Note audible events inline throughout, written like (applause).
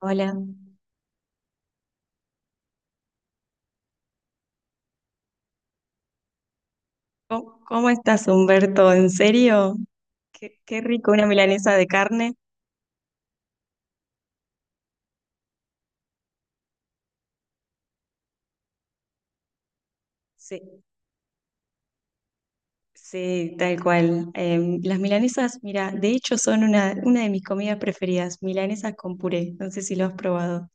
Hola, ¿cómo, cómo estás, Humberto? ¿En serio? Qué, qué rico, una milanesa de carne. Sí, sí, tal cual. Las milanesas, mira, de hecho son una de mis comidas preferidas, milanesas con puré. No sé si lo has probado.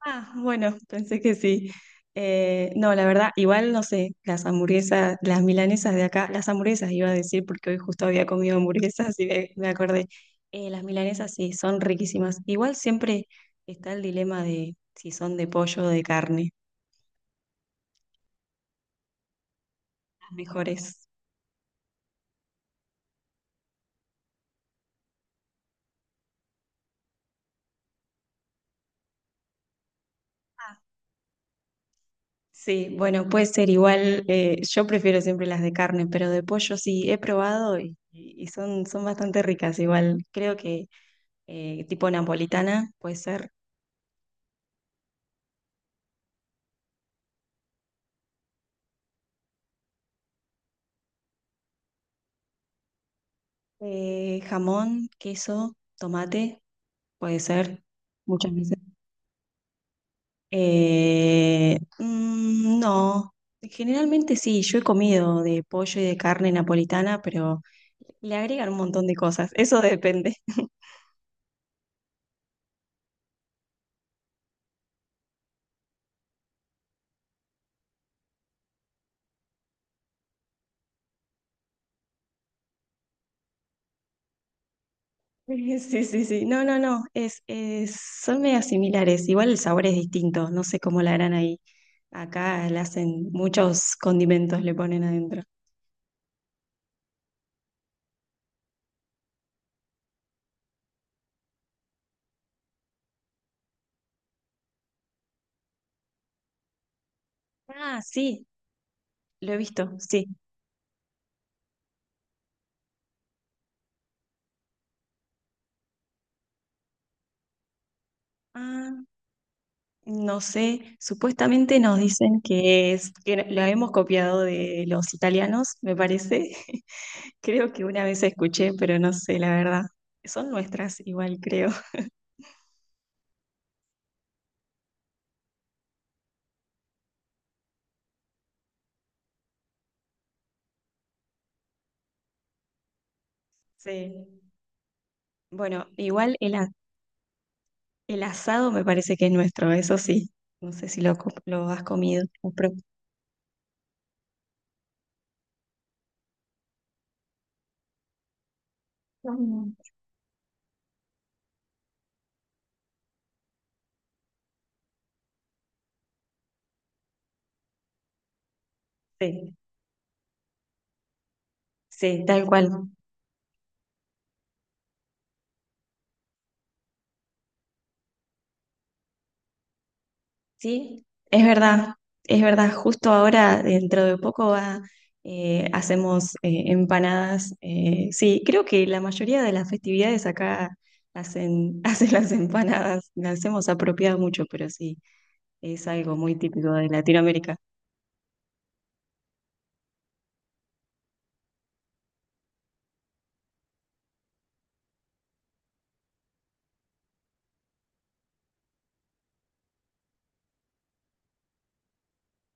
Ah, bueno, pensé que sí. No, la verdad, igual no sé, las hamburguesas, las milanesas de acá, las hamburguesas iba a decir porque hoy justo había comido hamburguesas y me acordé. Las milanesas sí, son riquísimas. Igual siempre está el dilema de si son de pollo o de carne, las mejores. Ah. Sí, bueno, puede ser igual, yo prefiero siempre las de carne, pero de pollo sí, he probado y son, son bastante ricas, igual creo que tipo napolitana puede ser. Jamón, queso, tomate, puede ser, muchas veces. No, generalmente sí, yo he comido de pollo y de carne napolitana, pero le agregan un montón de cosas, eso depende. (laughs) (laughs) Sí, sí, sí. No, no, no. Es- son medias similares. Igual el sabor es distinto. No sé cómo la harán ahí. Acá le hacen muchos condimentos, le ponen adentro. Ah, sí, lo he visto, sí. Ah, no sé. Supuestamente nos dicen que es, que lo hemos copiado de los italianos, me parece. (laughs) Creo que una vez escuché, pero no sé, la verdad. Son nuestras, igual creo. (laughs) Sí. Bueno, igual el, a- el asado me parece que es nuestro, eso sí. No sé si lo, co- lo has comido. O pro- mm. Sí, sí, tal cual. Sí, es verdad, es verdad. Justo ahora, dentro de poco, va, hacemos empanadas. Sí, creo que la mayoría de las festividades acá hacen, (laughs) hacen las empanadas. Las hemos apropiado mucho, pero sí, es algo muy típico de Latinoamérica.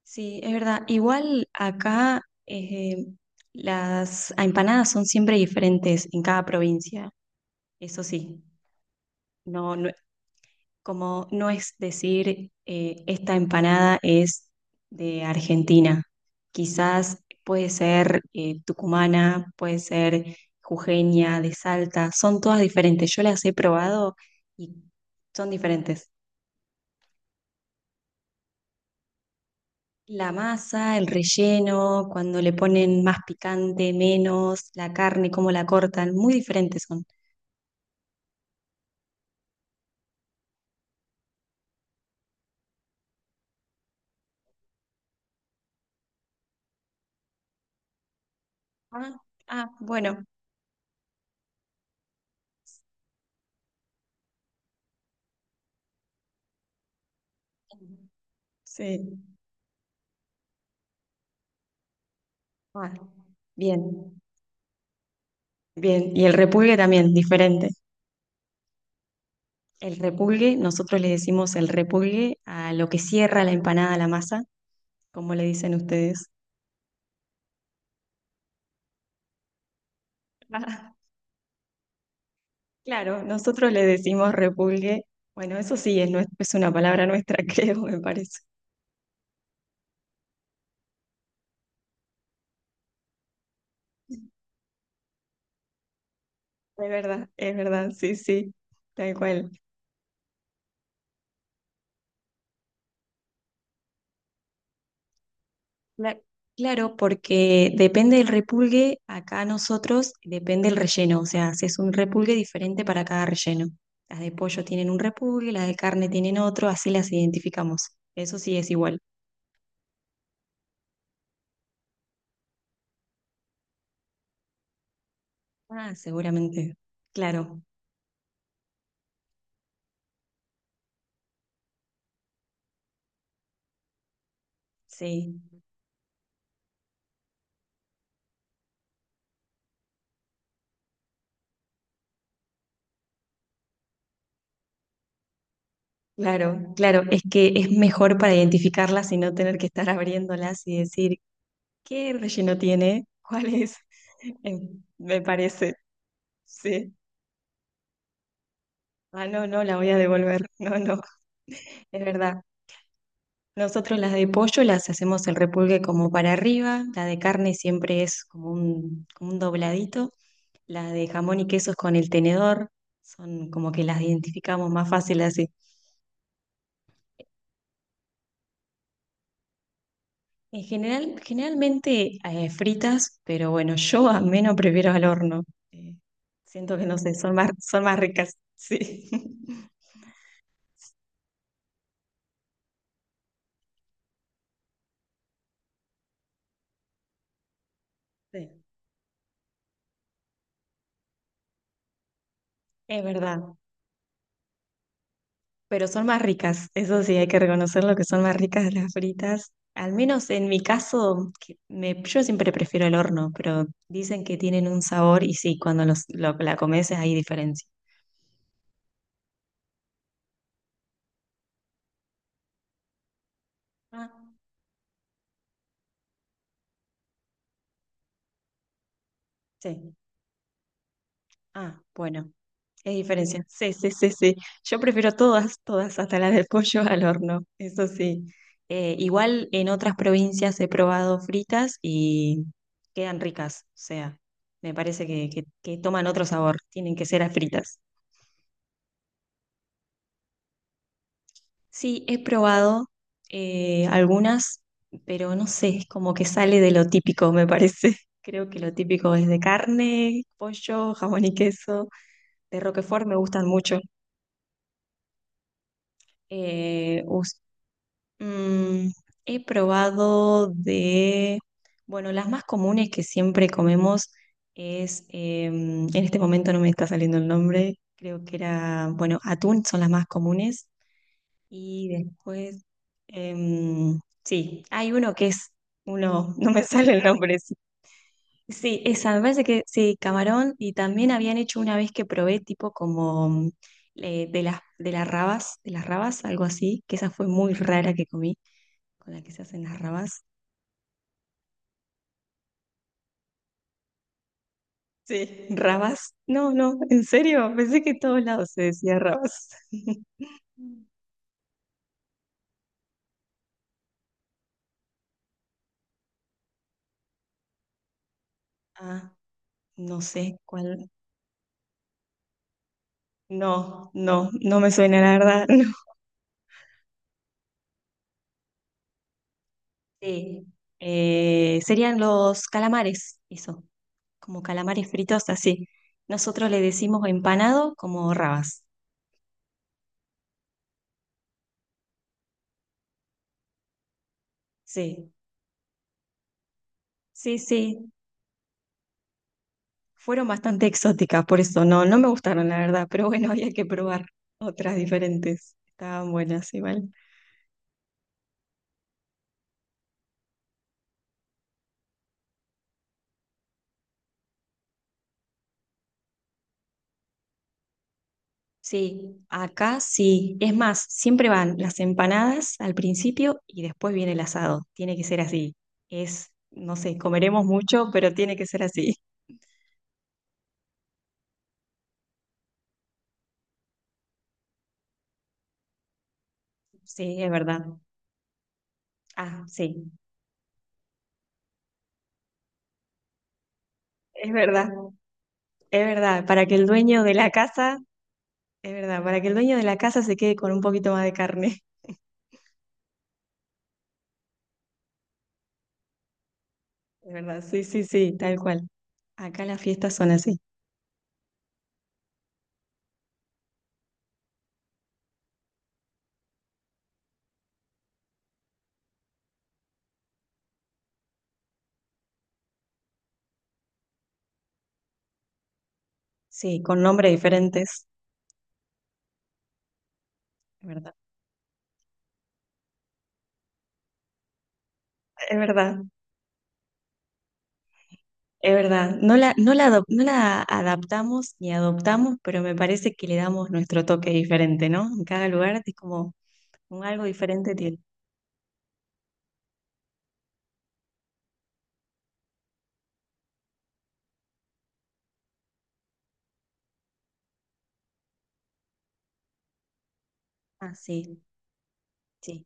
Sí, es verdad. Igual acá las empanadas son siempre diferentes en cada provincia. Eso sí, no, no- como no es decir esta empanada es de Argentina. Quizás puede ser tucumana, puede ser jujeña, de Salta. Son todas diferentes. Yo las he probado y son diferentes. La masa, el relleno, cuando le ponen más picante, menos, la carne, cómo la cortan, muy diferentes son. Ah, ah, bueno. Sí. Ah, bien, bien. Y el repulgue también, diferente. El repulgue, nosotros le decimos el repulgue a lo que cierra la empanada, la masa, como le dicen ustedes. Ah, (laughs) claro, nosotros le decimos repulgue. Bueno, eso sí, es, nue- es una palabra nuestra, (laughs) creo, me parece. Es verdad, sí, sí, tal cual. Cla- claro, porque depende del repulgue, acá nosotros depende el relleno, o sea, es un repulgue diferente para cada relleno. Las de pollo tienen un repulgue, las de carne tienen otro, así las identificamos. Eso sí es igual. Ah, seguramente. Claro, sí, claro, claro. Es que es mejor para identificarlas y no tener que estar abriéndolas y decir, ¿qué relleno tiene? ¿Cuál es? (laughs) Me parece, sí. Ah, no, no, la voy a devolver. (laughs) No, no, es verdad. Nosotros las de pollo las hacemos el repulgue como para arriba, la de carne siempre es como un dobladito, la de jamón y queso es con el tenedor, son como que las identificamos más fácil así. En general, generalmente fritas, pero bueno, yo al menos prefiero al horno. eh, Siento que no sé, son más ricas, sí. (laughs) Sí, es verdad. Pero son más ricas, eso sí, hay que reconocerlo que son más ricas las fritas. Al menos en mi caso, que me- yo siempre prefiero el horno, pero dicen que tienen un sabor y sí, cuando los, lo- la comes hay diferencia. Ah, sí. Ah, bueno, hay diferencia. Sí, sí, sí, sí. Yo prefiero todas, todas, hasta la del pollo al horno, eso sí. Igual en otras provincias he probado fritas y quedan ricas, o sea, me parece que toman otro sabor, tienen que ser a fritas. Sí, he probado algunas, pero no sé, es como que sale de lo típico, me parece. (laughs) Creo que lo típico es de carne, pollo, jamón y queso. De Roquefort me gustan mucho. Eh, us- mm, he probado de, bueno, las más comunes que siempre comemos es, en este momento no me está saliendo el nombre, creo que era, bueno, atún son las más comunes. Y después, sí, hay uno que es, uno, (laughs) no me sale el nombre. Sí, sí, esa, me parece que sí, camarón. Y también habían hecho una vez que probé tipo como de las rabas, algo así, que esa fue muy rara que comí, con la que se hacen las rabas. Sí. ¿Rabas? No, no, en serio, pensé que en todos lados se decía rabas. (laughs) Ah, no sé cuál. No, no, no me suena la verdad. (laughs) Sí. Serían los calamares, eso, como calamares fritos así. Nosotros le decimos empanado como rabas. Sí, sí, sí. Fueron bastante exóticas, por eso no, no me gustaron, la verdad, pero bueno, (laughs) había que probar otras diferentes. Estaban buenas igual. Sí, acá sí. Es más, siempre van las empanadas al principio y después viene el asado. Tiene que ser así. Es, no sé, comeremos mucho, pero tiene que ser así. (laughs) Sí, es verdad. Ah, sí, es verdad, es verdad, para que el dueño de la casa, es verdad, para que el dueño de la casa se quede con un poquito más de carne, (laughs) es verdad, sí, sí, sí, tal cual. Acá las fiestas son así, sí, con nombres diferentes, es verdad, es verdad, es verdad. No la, no la, adop- no la adaptamos ni adoptamos, pero me parece que le damos nuestro toque diferente, ¿no? En cada lugar es como un algo diferente tiene. Ah, sí, sí,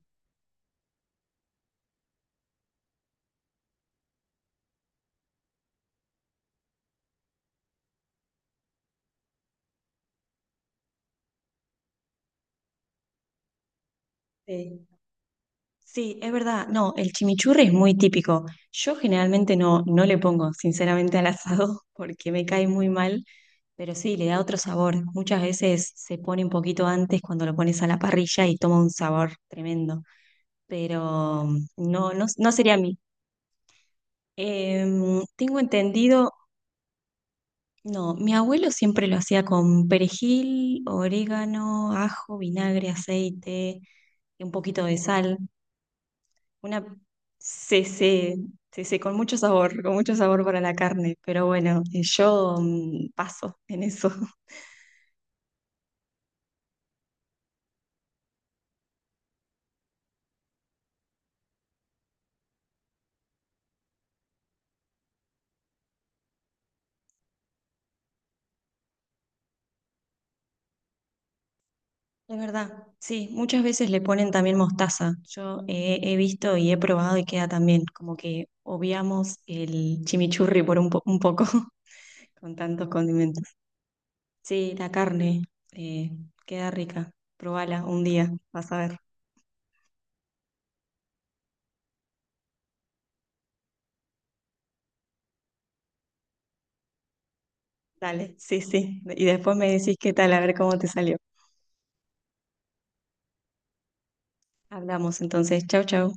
sí. Sí, es verdad. No, el chimichurri es muy típico. Yo generalmente no, no le pongo, sinceramente, al asado (laughs) porque me cae muy mal, pero sí, le da otro sabor. Muchas veces se pone un poquito antes cuando lo pones a la parrilla y toma un sabor tremendo, pero no, no, no sería a mí. Tengo entendido, no, mi abuelo siempre lo hacía con perejil, orégano, ajo, vinagre, aceite, un poquito de sal. Una c c c c con mucho sabor para la carne, pero bueno, yo paso en eso. (laughs) Es verdad, sí, muchas veces le ponen también mostaza. Yo he, he visto y he probado y queda también, como que obviamos el chimichurri por un, po- un poco (laughs) con tantos condimentos. Sí, la carne eh, queda rica. Probala un día, vas a ver. Dale, sí, sí. Y después me decís qué tal, a ver cómo te salió. Hablamos entonces. Chau, chau.